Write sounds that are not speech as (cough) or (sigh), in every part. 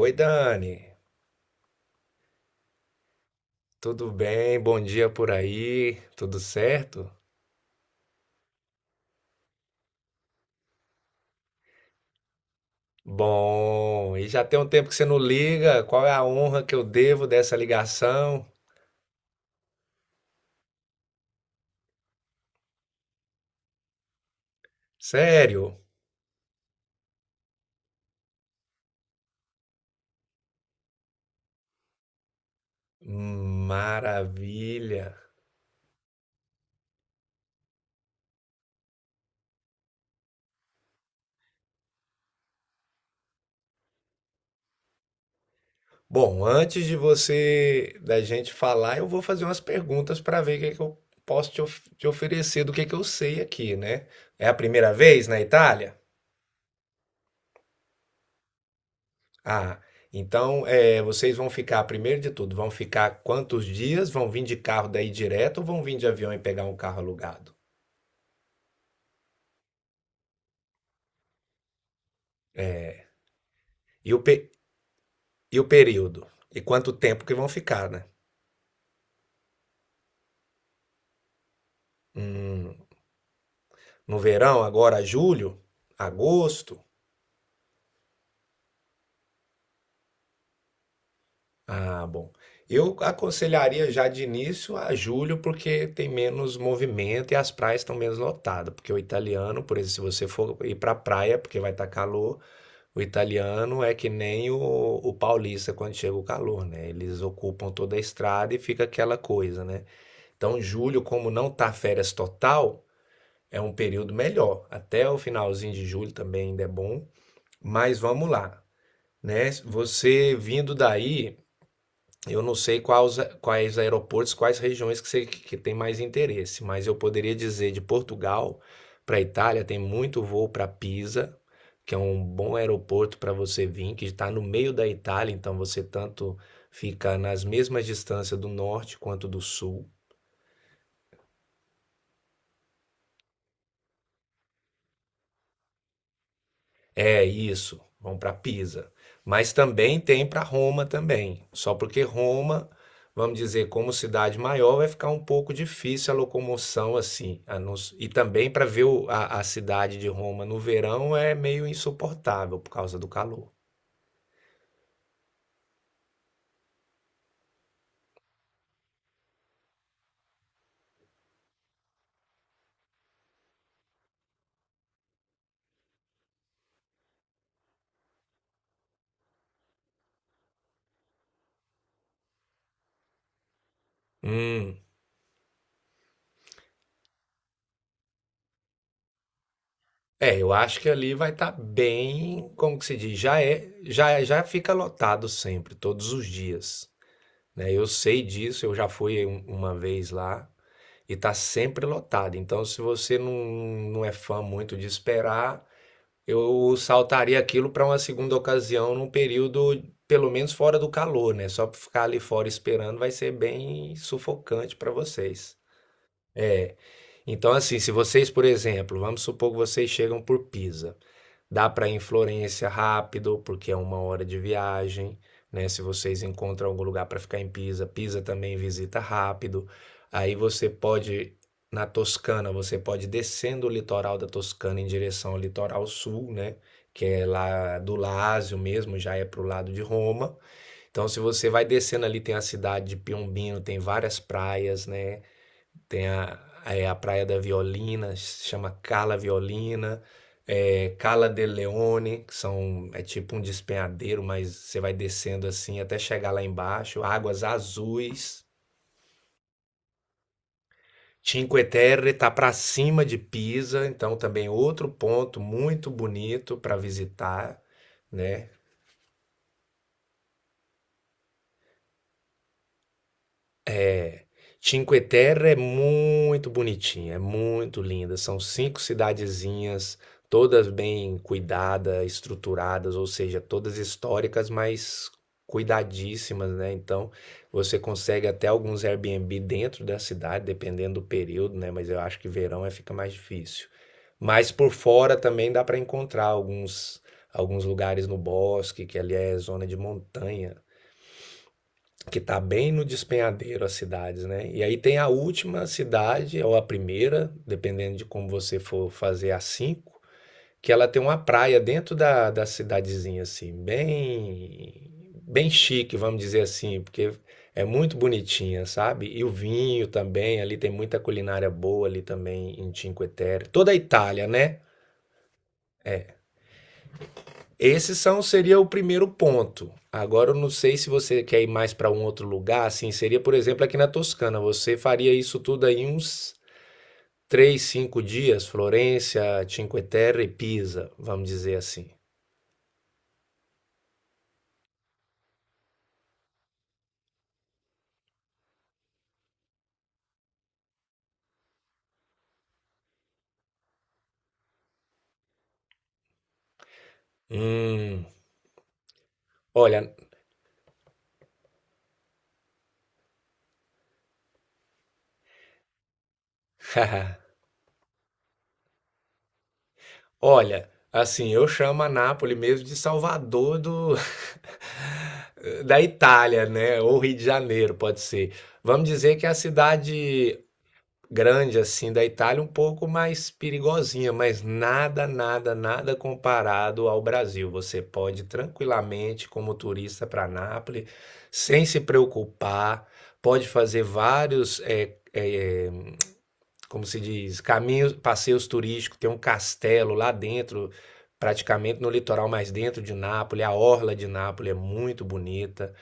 Oi, Dani. Tudo bem? Bom dia por aí. Tudo certo? Bom, e já tem um tempo que você não liga. Qual é a honra que eu devo dessa ligação? Sério? Maravilha. Bom, antes de da gente falar, eu vou fazer umas perguntas para ver o que que eu posso te oferecer, do que eu sei aqui, né? É a primeira vez na Itália? Ah, então é, vocês vão ficar, primeiro de tudo, vão ficar quantos dias? Vão vir de carro daí direto ou vão vir de avião e pegar um carro alugado? E e o período? E quanto tempo que vão ficar, né? Hum, no verão, agora julho, agosto? Ah, bom. Eu aconselharia já de início a julho, porque tem menos movimento e as praias estão menos lotadas. Porque o italiano, por exemplo, se você for ir para praia, porque vai estar calor. O italiano é que nem o paulista quando chega o calor, né? Eles ocupam toda a estrada e fica aquela coisa, né? Então, julho, como não tá férias total, é um período melhor. Até o finalzinho de julho também ainda é bom. Mas vamos lá, né? Você vindo daí, eu não sei quais aeroportos, quais regiões que você que tem mais interesse, mas eu poderia dizer de Portugal para a Itália tem muito voo para Pisa, que é um bom aeroporto para você vir, que está no meio da Itália, então você tanto fica nas mesmas distâncias do norte quanto do sul. É isso, vão para Pisa. Mas também tem para Roma também. Só porque Roma, vamos dizer, como cidade maior, vai ficar um pouco difícil a locomoção assim. E também para ver a cidade de Roma no verão é meio insuportável por causa do calor. Hum. É, eu acho que ali vai estar bem, como que se diz, já fica lotado sempre, todos os dias, né? Eu sei disso, eu já fui uma vez lá. E tá sempre lotado. Então, se você não é fã muito de esperar, eu saltaria aquilo para uma segunda ocasião num período, pelo menos fora do calor, né? Só para ficar ali fora esperando vai ser bem sufocante para vocês. É. Então, assim, se vocês, por exemplo, vamos supor que vocês chegam por Pisa. Dá para ir em Florença rápido, porque é uma hora de viagem, né? Se vocês encontram algum lugar para ficar em Pisa, Pisa também visita rápido. Aí você pode na Toscana, você pode ir descendo o litoral da Toscana em direção ao litoral sul, né? Que é lá do Lácio mesmo, já é pro lado de Roma. Então, se você vai descendo ali, tem a cidade de Piombino, tem várias praias, né? Tem a, é a Praia da Violina, se chama Cala Violina, é, Cala de Leone, que são, é tipo um despenhadeiro, mas você vai descendo assim até chegar lá embaixo. Águas azuis. Cinque Terre está para cima de Pisa, então também outro ponto muito bonito para visitar, né? Cinque Terre é muito bonitinha, é muito linda. São cinco cidadezinhas, todas bem cuidadas, estruturadas, ou seja, todas históricas, mas cuidadíssimas, né? Então, você consegue até alguns Airbnb dentro da cidade, dependendo do período, né? Mas eu acho que verão é fica mais difícil. Mas por fora também dá para encontrar alguns lugares no bosque, que ali é zona de montanha que está bem no despenhadeiro as cidades, né? E aí tem a última cidade, ou a primeira, dependendo de como você for fazer a cinco, que ela tem uma praia dentro da cidadezinha, assim, bem, bem chique, vamos dizer assim, porque é muito bonitinha, sabe? E o vinho também, ali tem muita culinária boa ali também em Cinque Terre. Toda a Itália, né? Esse são, seria o primeiro ponto. Agora eu não sei se você quer ir mais para um outro lugar, assim, seria, por exemplo, aqui na Toscana. Você faria isso tudo aí uns três, cinco dias, Florença, Cinque Terre e Pisa, vamos dizer assim. Hum, olha, (laughs) olha, assim, eu chamo a Nápoles mesmo de Salvador do (laughs) da Itália, né? Ou Rio de Janeiro, pode ser. Vamos dizer que é a cidade grande assim da Itália, um pouco mais perigosinha, mas nada, nada, nada comparado ao Brasil. Você pode tranquilamente, como turista, para Nápoles, sem se preocupar, pode fazer vários como se diz, caminhos, passeios turísticos, tem um castelo lá dentro, praticamente no litoral mais dentro de Nápoles, a orla de Nápoles é muito bonita.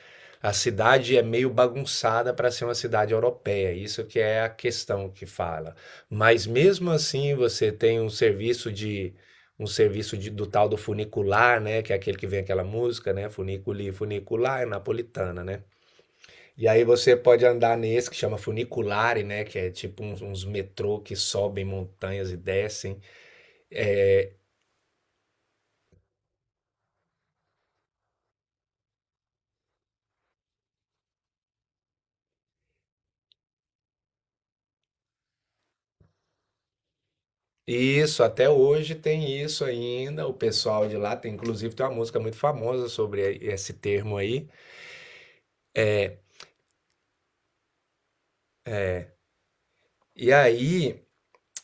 A cidade é meio bagunçada para ser uma cidade europeia, isso que é a questão que fala. Mas mesmo assim, você tem um serviço do tal do funicular, né, que é aquele que vem aquela música, né, funiculi, funicular, é napolitana, né? E aí você pode andar nesse que chama funiculare, né? Que é tipo uns metrô que sobem montanhas e descem. E isso, até hoje tem isso ainda. O pessoal de lá tem, inclusive, tem uma música muito famosa sobre esse termo aí. E aí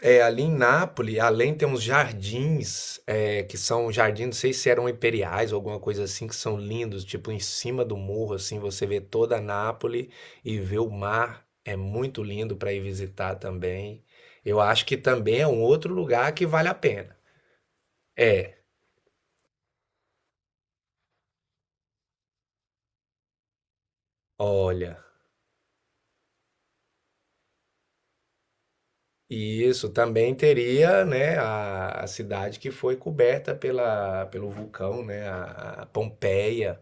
é, ali em Nápoles, além tem uns jardins, é, que são jardins, não sei se eram imperiais ou alguma coisa assim, que são lindos, tipo em cima do morro, assim, você vê toda Nápoles e vê o mar, é muito lindo para ir visitar também. Eu acho que também é um outro lugar que vale a pena. É, olha, e isso também teria, né, a cidade que foi coberta pela, pelo vulcão, né, a Pompeia.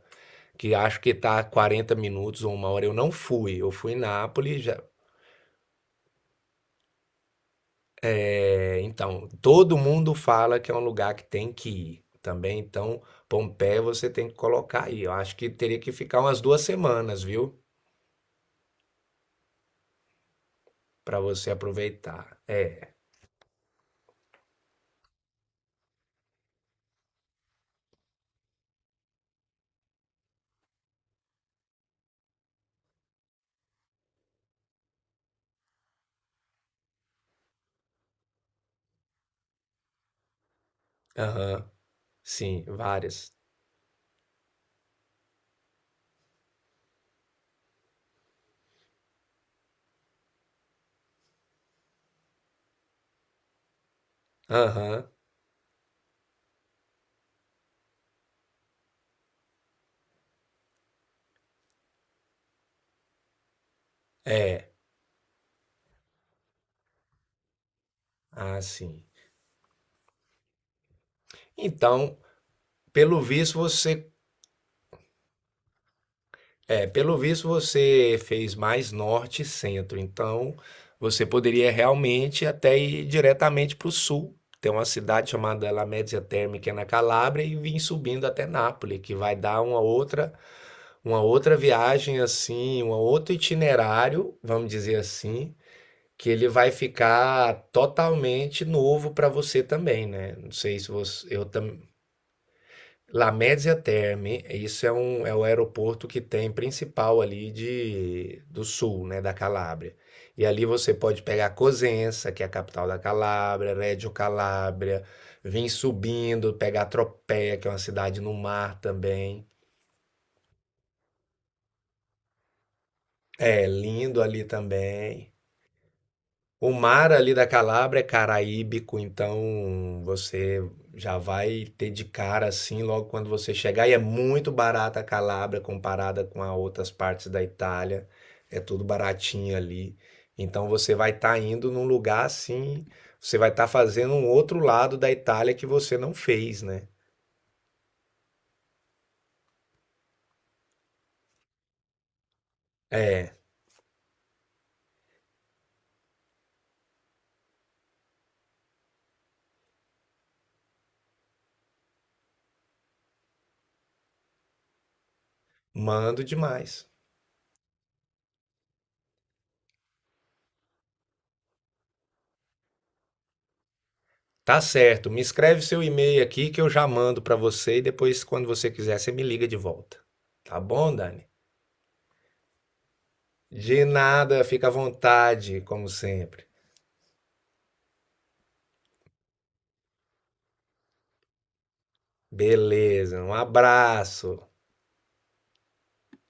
Que acho que tá 40 minutos ou uma hora. Eu não fui, eu fui em Nápoles. É, então, todo mundo fala que é um lugar que tem que ir também. Então, Pompeia você tem que colocar aí. Eu acho que teria que ficar umas duas semanas, viu? Pra você aproveitar. É, aham, sim, várias. Aham, ah, sim. Então, pelo visto, você é, pelo visto você fez mais norte e centro, então você poderia realmente até ir diretamente para o sul. Tem uma cidade chamada La Mezzia Terme, que é na Calábria, e vir subindo até Nápoles, que vai dar uma outra viagem assim, um outro itinerário, vamos dizer assim, que ele vai ficar totalmente novo para você também, né? Não sei se você, La Média Terme, isso é é o aeroporto que tem principal ali de do sul, né, da Calábria. E ali você pode pegar Cosenza, que é a capital da Calábria, Reggio Calabria, vir subindo, pegar Tropea, que é uma cidade no mar também. É lindo ali também. O mar ali da Calábria é caraíbico, então você já vai ter de cara assim logo quando você chegar. E é muito barata a Calábria comparada com as outras partes da Itália. É tudo baratinho ali. Então você vai estar indo num lugar assim, você vai estar fazendo um outro lado da Itália que você não fez, né? É, mando demais. Tá certo, me escreve seu e-mail aqui que eu já mando para você e depois quando você quiser você me liga de volta. Tá bom, Dani? De nada, fica à vontade, como sempre. Beleza, um abraço.